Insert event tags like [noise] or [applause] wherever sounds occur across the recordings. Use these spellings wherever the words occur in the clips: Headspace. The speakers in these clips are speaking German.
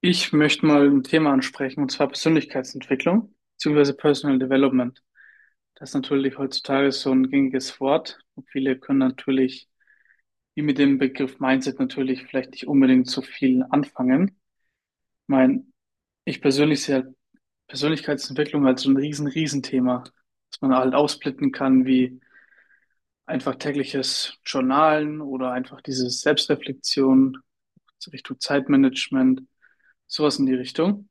Ich möchte mal ein Thema ansprechen, und zwar Persönlichkeitsentwicklung bzw. Personal Development. Das ist natürlich heutzutage so ein gängiges Wort. Und viele können natürlich, wie mit dem Begriff Mindset, natürlich vielleicht nicht unbedingt so viel anfangen. Ich meine, ich persönlich sehe halt Persönlichkeitsentwicklung als so ein riesen, riesen Thema, dass man halt aufsplitten kann, wie einfach tägliches Journalen oder einfach diese Selbstreflexion so Richtung Zeitmanagement, sowas in die Richtung.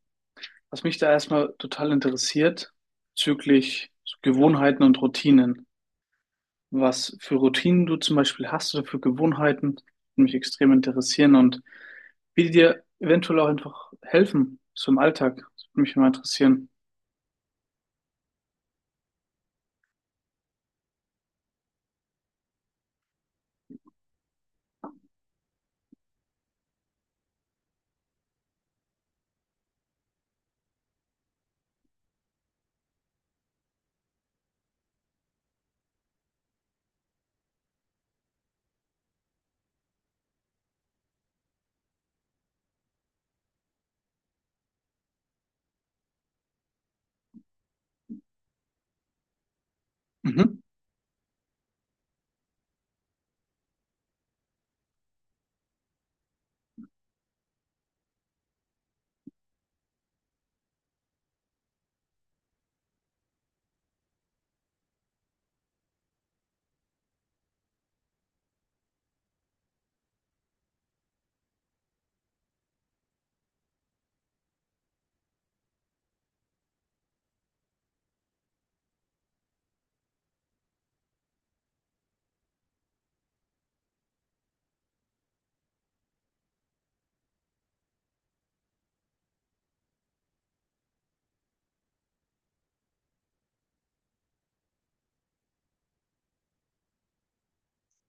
Was mich da erstmal total interessiert, bezüglich so Gewohnheiten und Routinen. Was für Routinen du zum Beispiel hast oder für Gewohnheiten, die mich extrem interessieren und wie die dir eventuell auch einfach helfen, so im Alltag. Das würde mich immer interessieren. Mhm.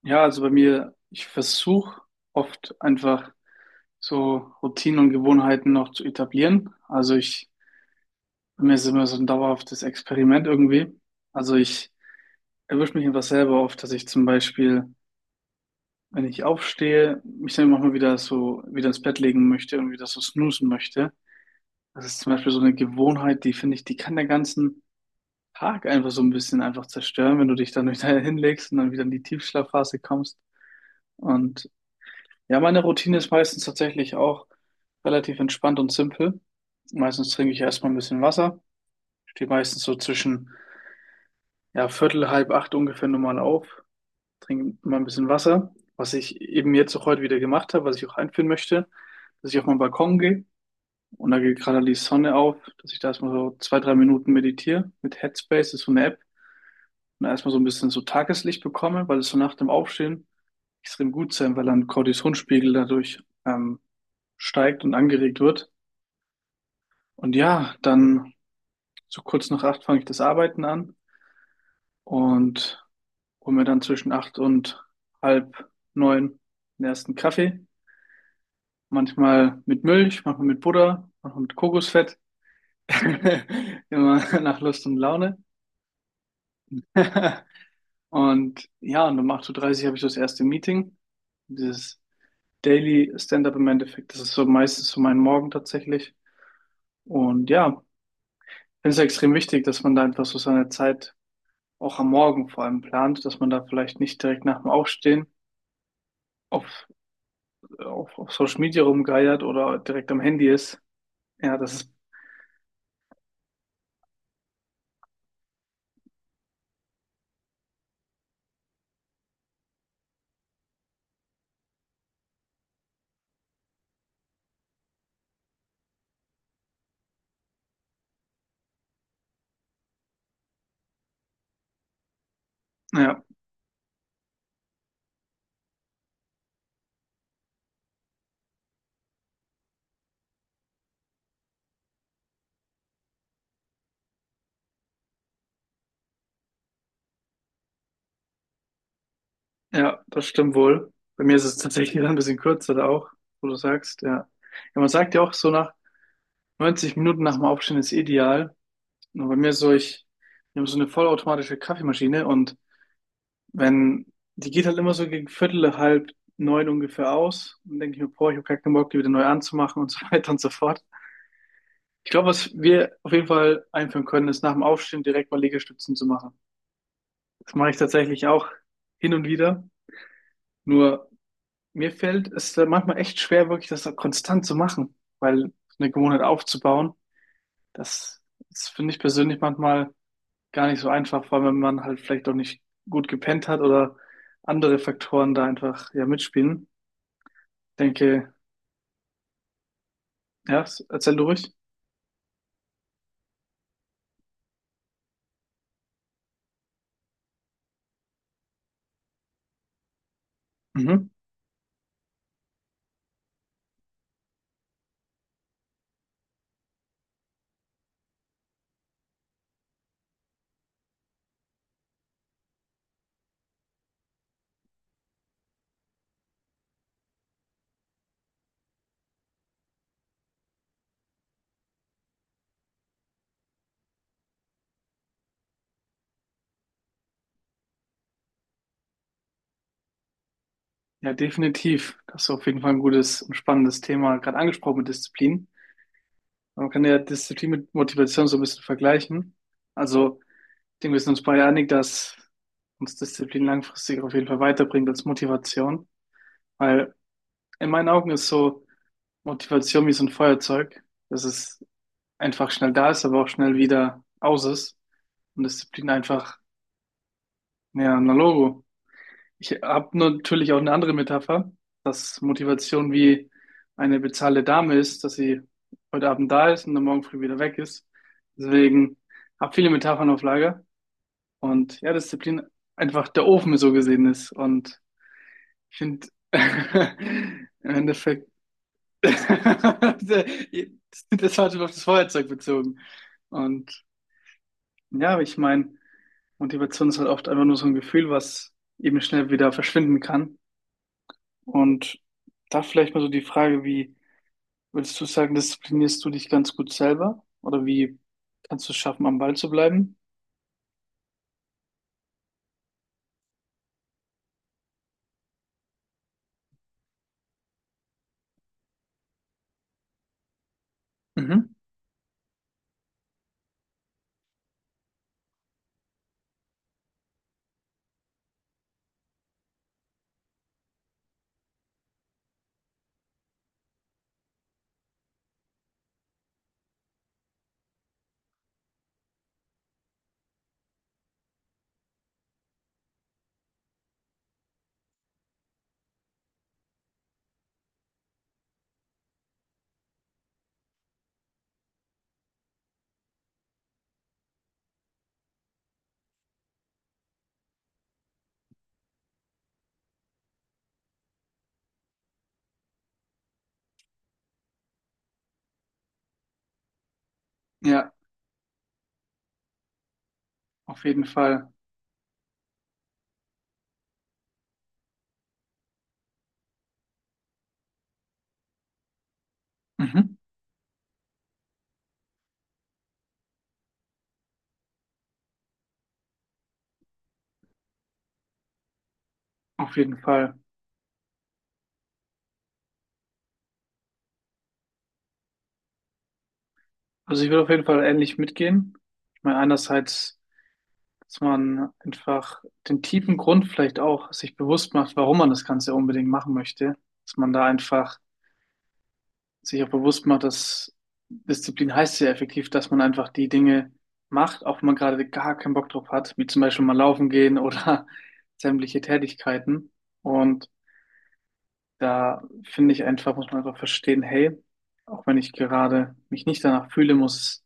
Ja, also bei mir, ich versuche oft einfach so Routinen und Gewohnheiten noch zu etablieren. Also ich, bei mir ist immer so ein dauerhaftes Experiment irgendwie. Also ich erwische mich einfach selber oft, dass ich zum Beispiel wenn ich aufstehe, mich dann auch mal wieder so wieder ins Bett legen möchte und wieder so snoozen möchte. Das ist zum Beispiel so eine Gewohnheit, die finde ich, die kann den ganzen Tag einfach so ein bisschen einfach zerstören, wenn du dich dann [laughs] wieder hinlegst und dann wieder in die Tiefschlafphase kommst. Und ja, meine Routine ist meistens tatsächlich auch relativ entspannt und simpel. Meistens trinke ich erstmal ein bisschen Wasser, stehe meistens so zwischen ja, Viertel, halb acht ungefähr normal auf, trinke mal ein bisschen Wasser, was ich eben jetzt auch heute wieder gemacht habe, was ich auch einführen möchte, dass ich auf meinen Balkon gehe und da geht gerade die Sonne auf, dass ich da erstmal so zwei, drei Minuten meditiere mit Headspace, das ist so eine App, und da erstmal so ein bisschen so Tageslicht bekomme, weil es so nach dem Aufstehen extrem gut sein, weil dann Cortisonspiegel dadurch steigt und angeregt wird. Und ja, dann so kurz nach acht fange ich das Arbeiten an und hole mir dann zwischen acht und halb neun den ersten Kaffee. Manchmal mit Milch, manchmal mit Butter, manchmal mit Kokosfett. [laughs] Immer nach Lust und Laune. [laughs] Und ja, und um acht Uhr dreißig habe ich das erste Meeting. Dieses Daily Stand-up im Endeffekt, das ist so meistens so mein Morgen tatsächlich. Und ja, finde es extrem wichtig, dass man da einfach so seine Zeit auch am Morgen vor allem plant, dass man da vielleicht nicht direkt nach dem Aufstehen auf, auf Social Media rumgeiert oder direkt am Handy ist. Ja, das ist, ja. Ja, das stimmt wohl. Bei mir ist es tatsächlich [laughs] dann ein bisschen kürzer da auch, wo du sagst, ja. Ja, man sagt ja auch so nach 90 Minuten nach dem Aufstehen ist ideal. Und bei mir ist so, ich, wir haben so eine vollautomatische Kaffeemaschine und wenn, die geht halt immer so gegen Viertel, halb neun ungefähr aus. Und dann denke ich mir, boah, ich habe gar keinen Bock, die wieder neu anzumachen und so [laughs] weiter und so fort. Ich glaube, was wir auf jeden Fall einführen können, ist nach dem Aufstehen direkt mal Liegestützen zu machen. Das mache ich tatsächlich auch hin und wieder. Nur mir fällt es manchmal echt schwer, wirklich das so konstant zu machen, weil eine Gewohnheit aufzubauen, das, das finde ich persönlich manchmal gar nicht so einfach, vor allem wenn man halt vielleicht auch nicht gut gepennt hat oder andere Faktoren da einfach ja mitspielen. Denke, ja, erzähl du ruhig. Mhm. Ja, definitiv. Das ist auf jeden Fall ein gutes und spannendes Thema, gerade angesprochen mit Disziplin. Man kann ja Disziplin mit Motivation so ein bisschen vergleichen. Also ich denke, wir sind uns beide einig, dass uns Disziplin langfristig auf jeden Fall weiterbringt als Motivation. Weil in meinen Augen ist so Motivation wie so ein Feuerzeug, dass es einfach schnell da ist, aber auch schnell wieder aus ist. Und Disziplin einfach, ja, ein Logo. Ich habe natürlich auch eine andere Metapher, dass Motivation wie eine bezahlte Dame ist, dass sie heute Abend da ist und dann morgen früh wieder weg ist. Deswegen habe viele Metaphern auf Lager. Und ja, Disziplin einfach der Ofen so gesehen ist. Und ich finde, [laughs] im Endeffekt, [laughs] das war auf das Feuerzeug bezogen. Und ja, ich meine, Motivation ist halt oft einfach nur so ein Gefühl, was eben schnell wieder verschwinden kann. Und da vielleicht mal so die Frage, wie würdest du sagen, disziplinierst du dich ganz gut selber? Oder wie kannst du es schaffen, am Ball zu bleiben? Mhm. Ja, auf jeden Fall. Mhm. Auf jeden Fall. Also ich würde auf jeden Fall ähnlich mitgehen. Ich meine, einerseits, dass man einfach den tiefen Grund vielleicht auch sich bewusst macht, warum man das Ganze unbedingt machen möchte. Dass man da einfach sich auch bewusst macht, dass Disziplin heißt ja effektiv, dass man einfach die Dinge macht, auch wenn man gerade gar keinen Bock drauf hat, wie zum Beispiel mal laufen gehen oder [laughs] sämtliche Tätigkeiten. Und da finde ich einfach, muss man einfach verstehen, hey, auch wenn ich gerade mich nicht danach fühle, muss es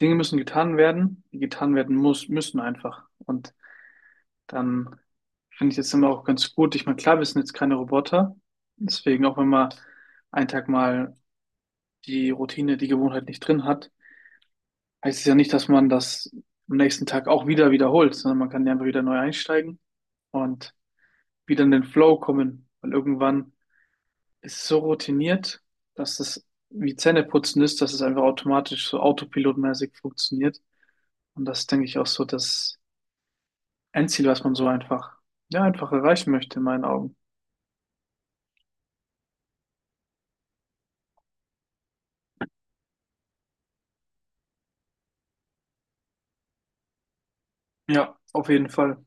Dinge müssen getan werden, die getan werden muss, müssen einfach. Und dann finde ich jetzt immer auch ganz gut. Ich meine, klar, wir sind jetzt keine Roboter. Deswegen, auch wenn man einen Tag mal die Routine, die Gewohnheit nicht drin hat, heißt es ja nicht, dass man das am nächsten Tag auch wieder wiederholt, sondern man kann ja einfach wieder neu einsteigen und wieder in den Flow kommen. Weil irgendwann ist es so routiniert, dass es wie Zähneputzen ist, dass es einfach automatisch so autopilotmäßig funktioniert. Und das ist, denke ich auch so, dass ein Ziel, was man so einfach, ja, einfach erreichen möchte, in meinen Augen. Ja, auf jeden Fall.